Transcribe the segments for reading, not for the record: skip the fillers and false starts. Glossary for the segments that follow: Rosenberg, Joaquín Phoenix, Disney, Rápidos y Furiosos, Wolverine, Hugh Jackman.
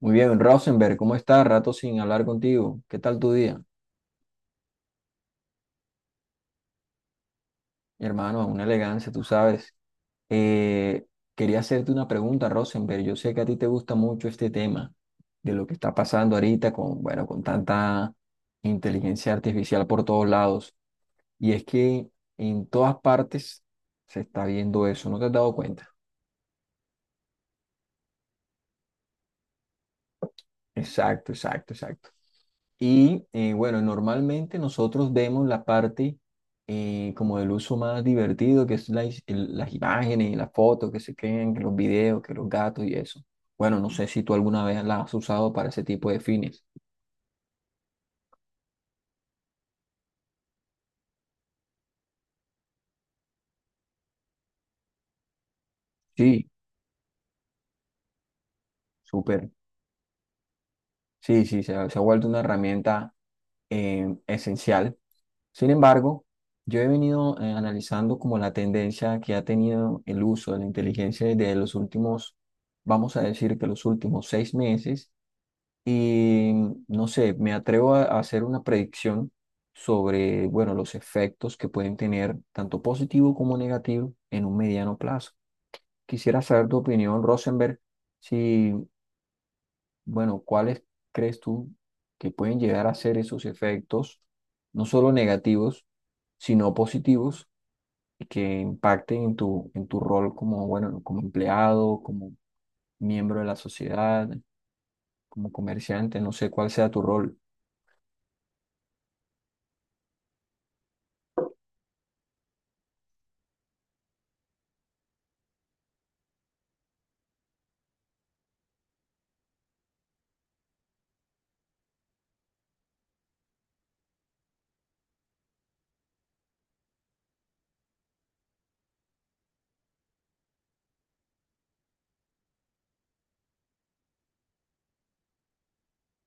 Muy bien, Rosenberg, ¿cómo estás? Rato sin hablar contigo. ¿Qué tal tu día? Mi hermano, una elegancia, tú sabes. Eh, quería hacerte una pregunta, Rosenberg. Yo sé que a ti te gusta mucho este tema de lo que está pasando ahorita con, bueno, con tanta inteligencia artificial por todos lados. Y es que en todas partes se está viendo eso, ¿no te has dado cuenta? Exacto, exacto, exacto. Y bueno, normalmente nosotros vemos la parte como del uso más divertido, que es las imágenes, las fotos que se crean, que los videos, que los gatos y eso. Bueno, no sé si tú alguna vez la has usado para ese tipo de fines. Sí, súper. Sí, sí, se ha vuelto una herramienta esencial. Sin embargo, yo he venido analizando como la tendencia que ha tenido el uso de la inteligencia desde los últimos, vamos a decir que los últimos 6 meses. Y no sé, me atrevo a hacer una predicción sobre, bueno, los efectos que pueden tener tanto positivo como negativo en un mediano plazo. Quisiera saber tu opinión, Rosenberg, si, bueno, cuáles crees tú que pueden llegar a ser esos efectos, no solo negativos, sino positivos, y que impacten en en tu rol como, bueno, como empleado, como miembro de la sociedad, como comerciante, no sé cuál sea tu rol.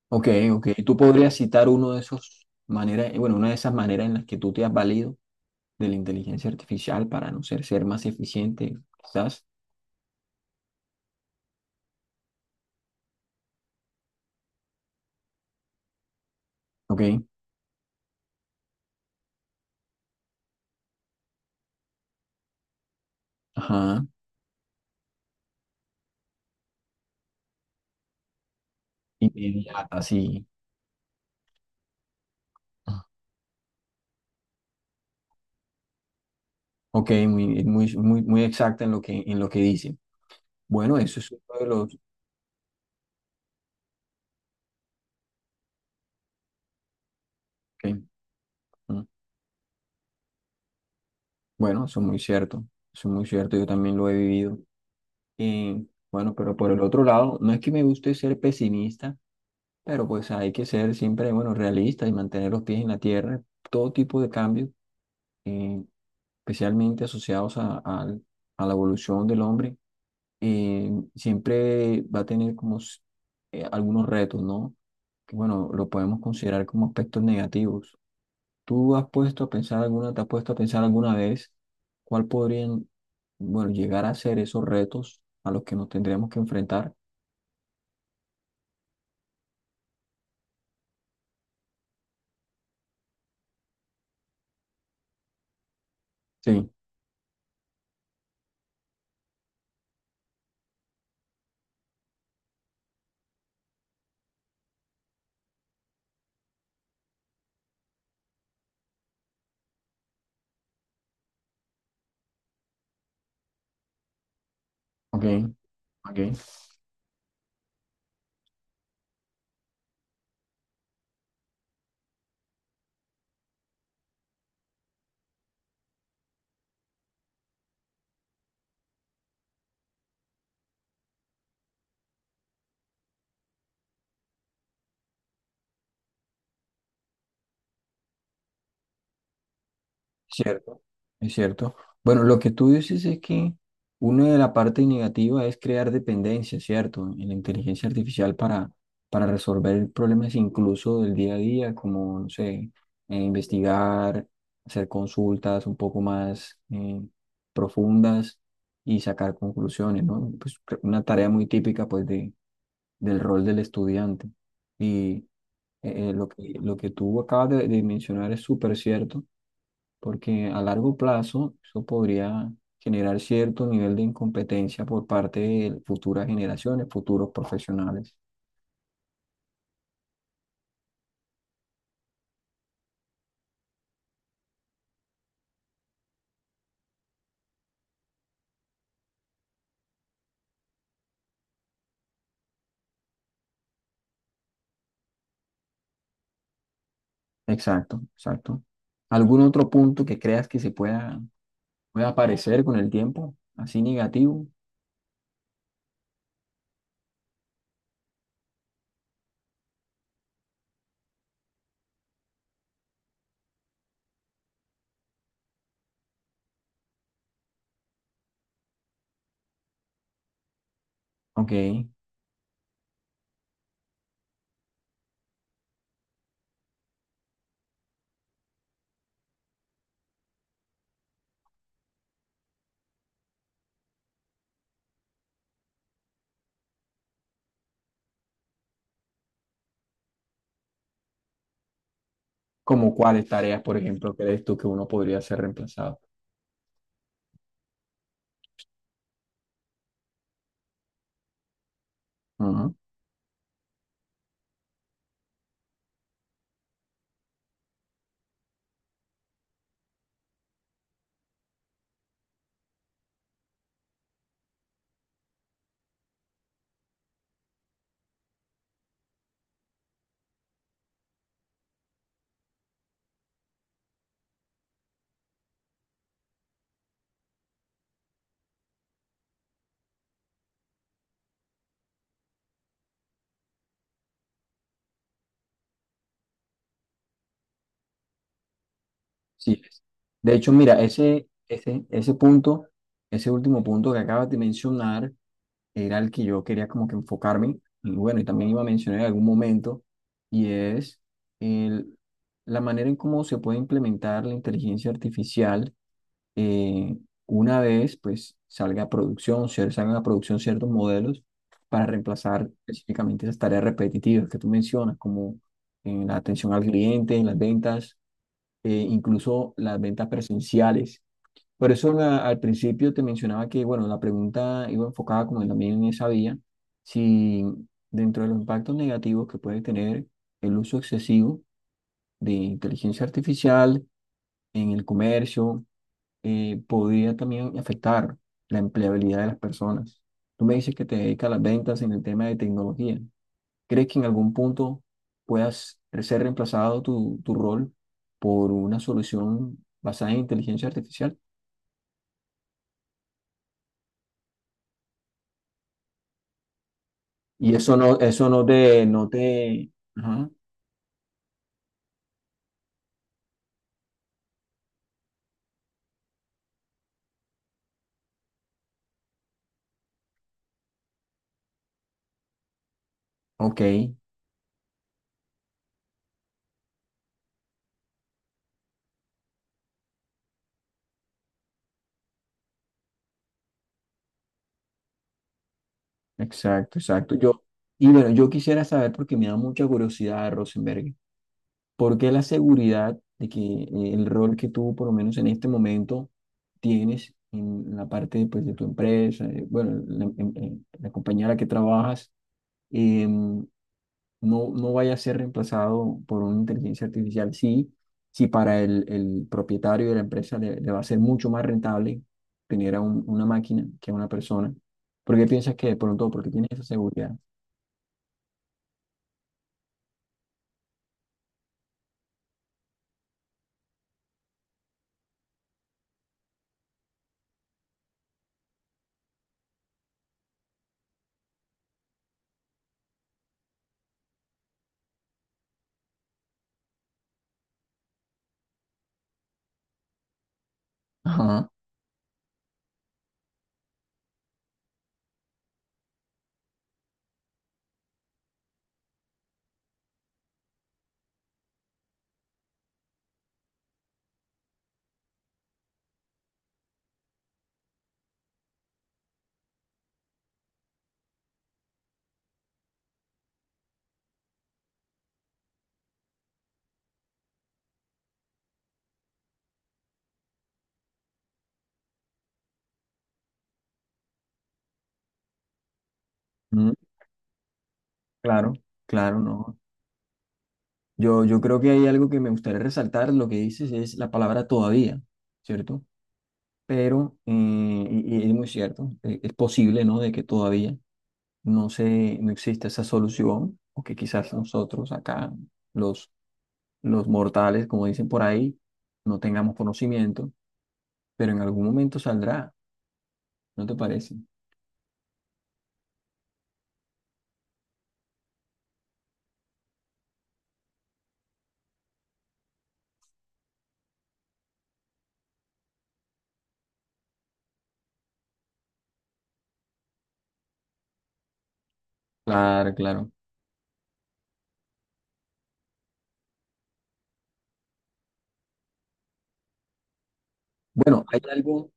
Ok, ok. ¿Tú podrías citar uno de esos maneras, bueno, una de esas maneras en las que tú te has valido de la inteligencia artificial para no ser, ser más eficiente, quizás? Ok, ajá, inmediata, sí. Ok, muy, muy, muy, muy exacta en lo que dice. Bueno, eso es uno de los... Ok, mm, bueno, eso es muy cierto, eso es muy cierto, yo también lo he vivido. Eh, bueno, pero por el otro lado, no es que me guste ser pesimista, pero pues hay que ser siempre, bueno, realistas y mantener los pies en la tierra. Todo tipo de cambios, eh, especialmente asociados a la evolución del hombre, eh, siempre va a tener algunos retos, ¿no? Que bueno, lo podemos considerar como aspectos negativos. ¿Tú has puesto a pensar te has puesto a pensar alguna vez cuál podrían, bueno, llegar a ser esos retos a los que nos tendríamos que enfrentar? Sí, ok, ok. Cierto, es cierto. Bueno, lo que tú dices es que una de la parte negativa es crear dependencia, ¿cierto? En la inteligencia artificial para resolver problemas incluso del día a día, como, no sé, investigar, hacer consultas un poco más profundas y sacar conclusiones, ¿no? Pues una tarea muy típica, pues, de, del rol del estudiante. Y lo que tú acabas de mencionar es súper cierto porque a largo plazo eso podría generar cierto nivel de incompetencia por parte de futuras generaciones, futuros profesionales. Exacto, exacto. ¿Algún otro punto que creas que se pueda aparecer con el tiempo, así negativo? Ok. ¿Como cuáles tareas, por ejemplo, crees tú que uno podría ser reemplazado? Ujú, sí. Es. De hecho, mira, ese punto, ese último punto que acabas de mencionar, era el que yo quería como que enfocarme, y bueno, y también iba a mencionar en algún momento, y es el, la manera en cómo se puede implementar la inteligencia artificial eh, una vez pues salga a producción, se salgan a producción ciertos modelos para reemplazar específicamente esas tareas repetitivas que tú mencionas, como en la atención al cliente, en las ventas, incluso las ventas presenciales. Por eso al principio te mencionaba que, bueno, la pregunta iba enfocada como también en esa vía, si dentro de los impactos negativos que puede tener el uso excesivo de inteligencia artificial en el comercio, podría también afectar la empleabilidad de las personas. Tú me dices que te dedicas a las ventas en el tema de tecnología. ¿Crees que en algún punto puedas ser reemplazado tu rol por una solución basada en inteligencia artificial? Y eso no te, no te, ajá, ok, exacto, exacto. Yo, y bueno, yo quisiera saber, porque me da mucha curiosidad, Rosenberg, ¿por qué la seguridad de que el rol que tú, por lo menos en este momento, tienes en la parte, pues, de tu empresa, bueno, en la compañía en la que trabajas, em, no, no vaya a ser reemplazado por una inteligencia artificial. Sí, sí para el propietario de la empresa le va a ser mucho más rentable tener a una máquina que a una persona. ¿Por qué piensas que de pronto? Porque tienes esa seguridad. Ajá. Mm, claro, claro, no. Yo creo que hay algo que me gustaría resaltar, lo que dices es la palabra todavía, ¿cierto? Pero, y es muy cierto, es posible, ¿no? De que todavía no se, no existe esa solución, o que quizás nosotros acá, los, los mortales, como dicen por ahí, no tengamos conocimiento, pero en algún momento saldrá, ¿no te parece? Claro, claro. Bueno, hay algo,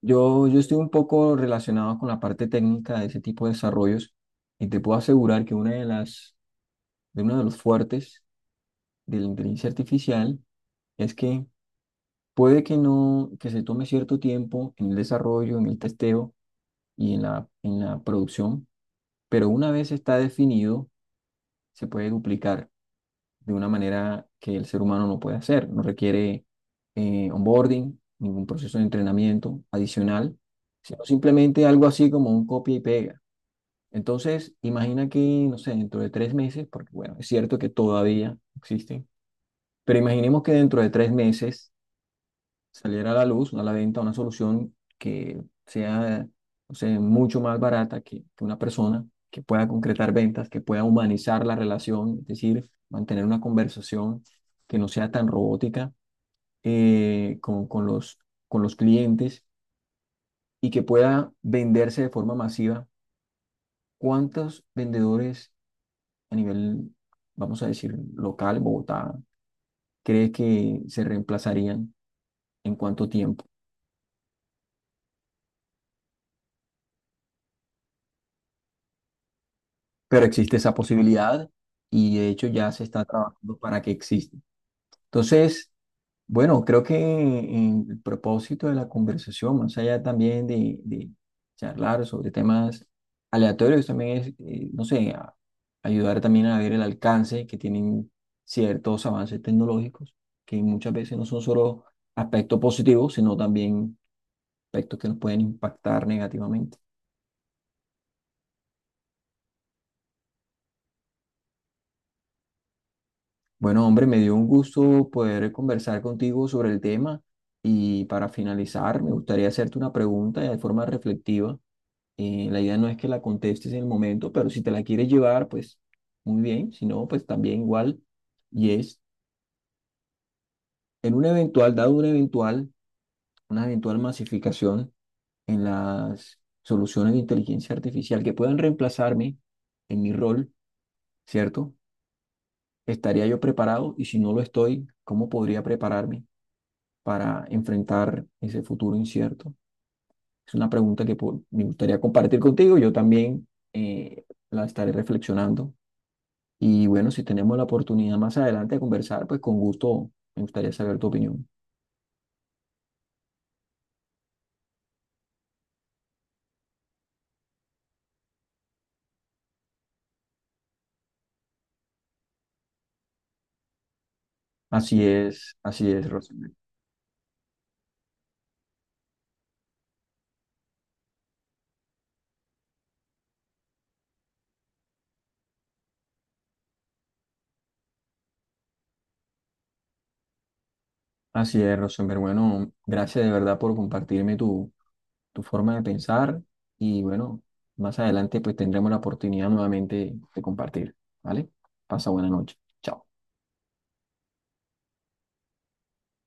yo estoy un poco relacionado con la parte técnica de ese tipo de desarrollos y te puedo asegurar que de uno de los fuertes de la inteligencia artificial es que puede que no, que se tome cierto tiempo en el desarrollo, en el testeo y en en la producción, pero una vez está definido, se puede duplicar de una manera que el ser humano no puede hacer. No requiere onboarding, ningún proceso de entrenamiento adicional, sino simplemente algo así como un copia y pega. Entonces, imagina que, no sé, dentro de 3 meses, porque bueno, es cierto que todavía existen, pero imaginemos que dentro de 3 meses saliera a la luz una venta, una solución que sea, o sea, mucho más barata que una persona, que pueda concretar ventas, que pueda humanizar la relación, es decir, mantener una conversación que no sea tan robótica eh, con, con los, con los clientes y que pueda venderse de forma masiva. ¿Cuántos vendedores a nivel, vamos a decir, local, Bogotá, crees que se reemplazarían en cuánto tiempo? Pero existe esa posibilidad y de hecho ya se está trabajando para que exista. Entonces, bueno, creo que en el propósito de la conversación, más allá también de charlar sobre temas aleatorios, también es, no sé, ayudar también a ver el alcance que tienen ciertos avances tecnológicos, que muchas veces no son solo aspectos positivos, sino también aspectos que nos pueden impactar negativamente. Bueno, hombre, me dio un gusto poder conversar contigo sobre el tema y para finalizar me gustaría hacerte una pregunta de forma reflexiva. La idea no es que la contestes en el momento, pero si te la quieres llevar, pues muy bien, si no, pues también igual. Y es, en un eventual, dado un eventual, una eventual masificación en las soluciones de inteligencia artificial que puedan reemplazarme en mi rol, ¿cierto? ¿Estaría yo preparado? Y si no lo estoy, ¿cómo podría prepararme para enfrentar ese futuro incierto? Es una pregunta que me gustaría compartir contigo. Yo también la estaré reflexionando. Y bueno, si tenemos la oportunidad más adelante de conversar, pues con gusto me gustaría saber tu opinión. Así es, Rosenberg. Así es, Rosenberg. Bueno, gracias de verdad por compartirme tu forma de pensar. Y bueno, más adelante pues tendremos la oportunidad nuevamente de compartir. ¿Vale? Pasa buena noche. Chao.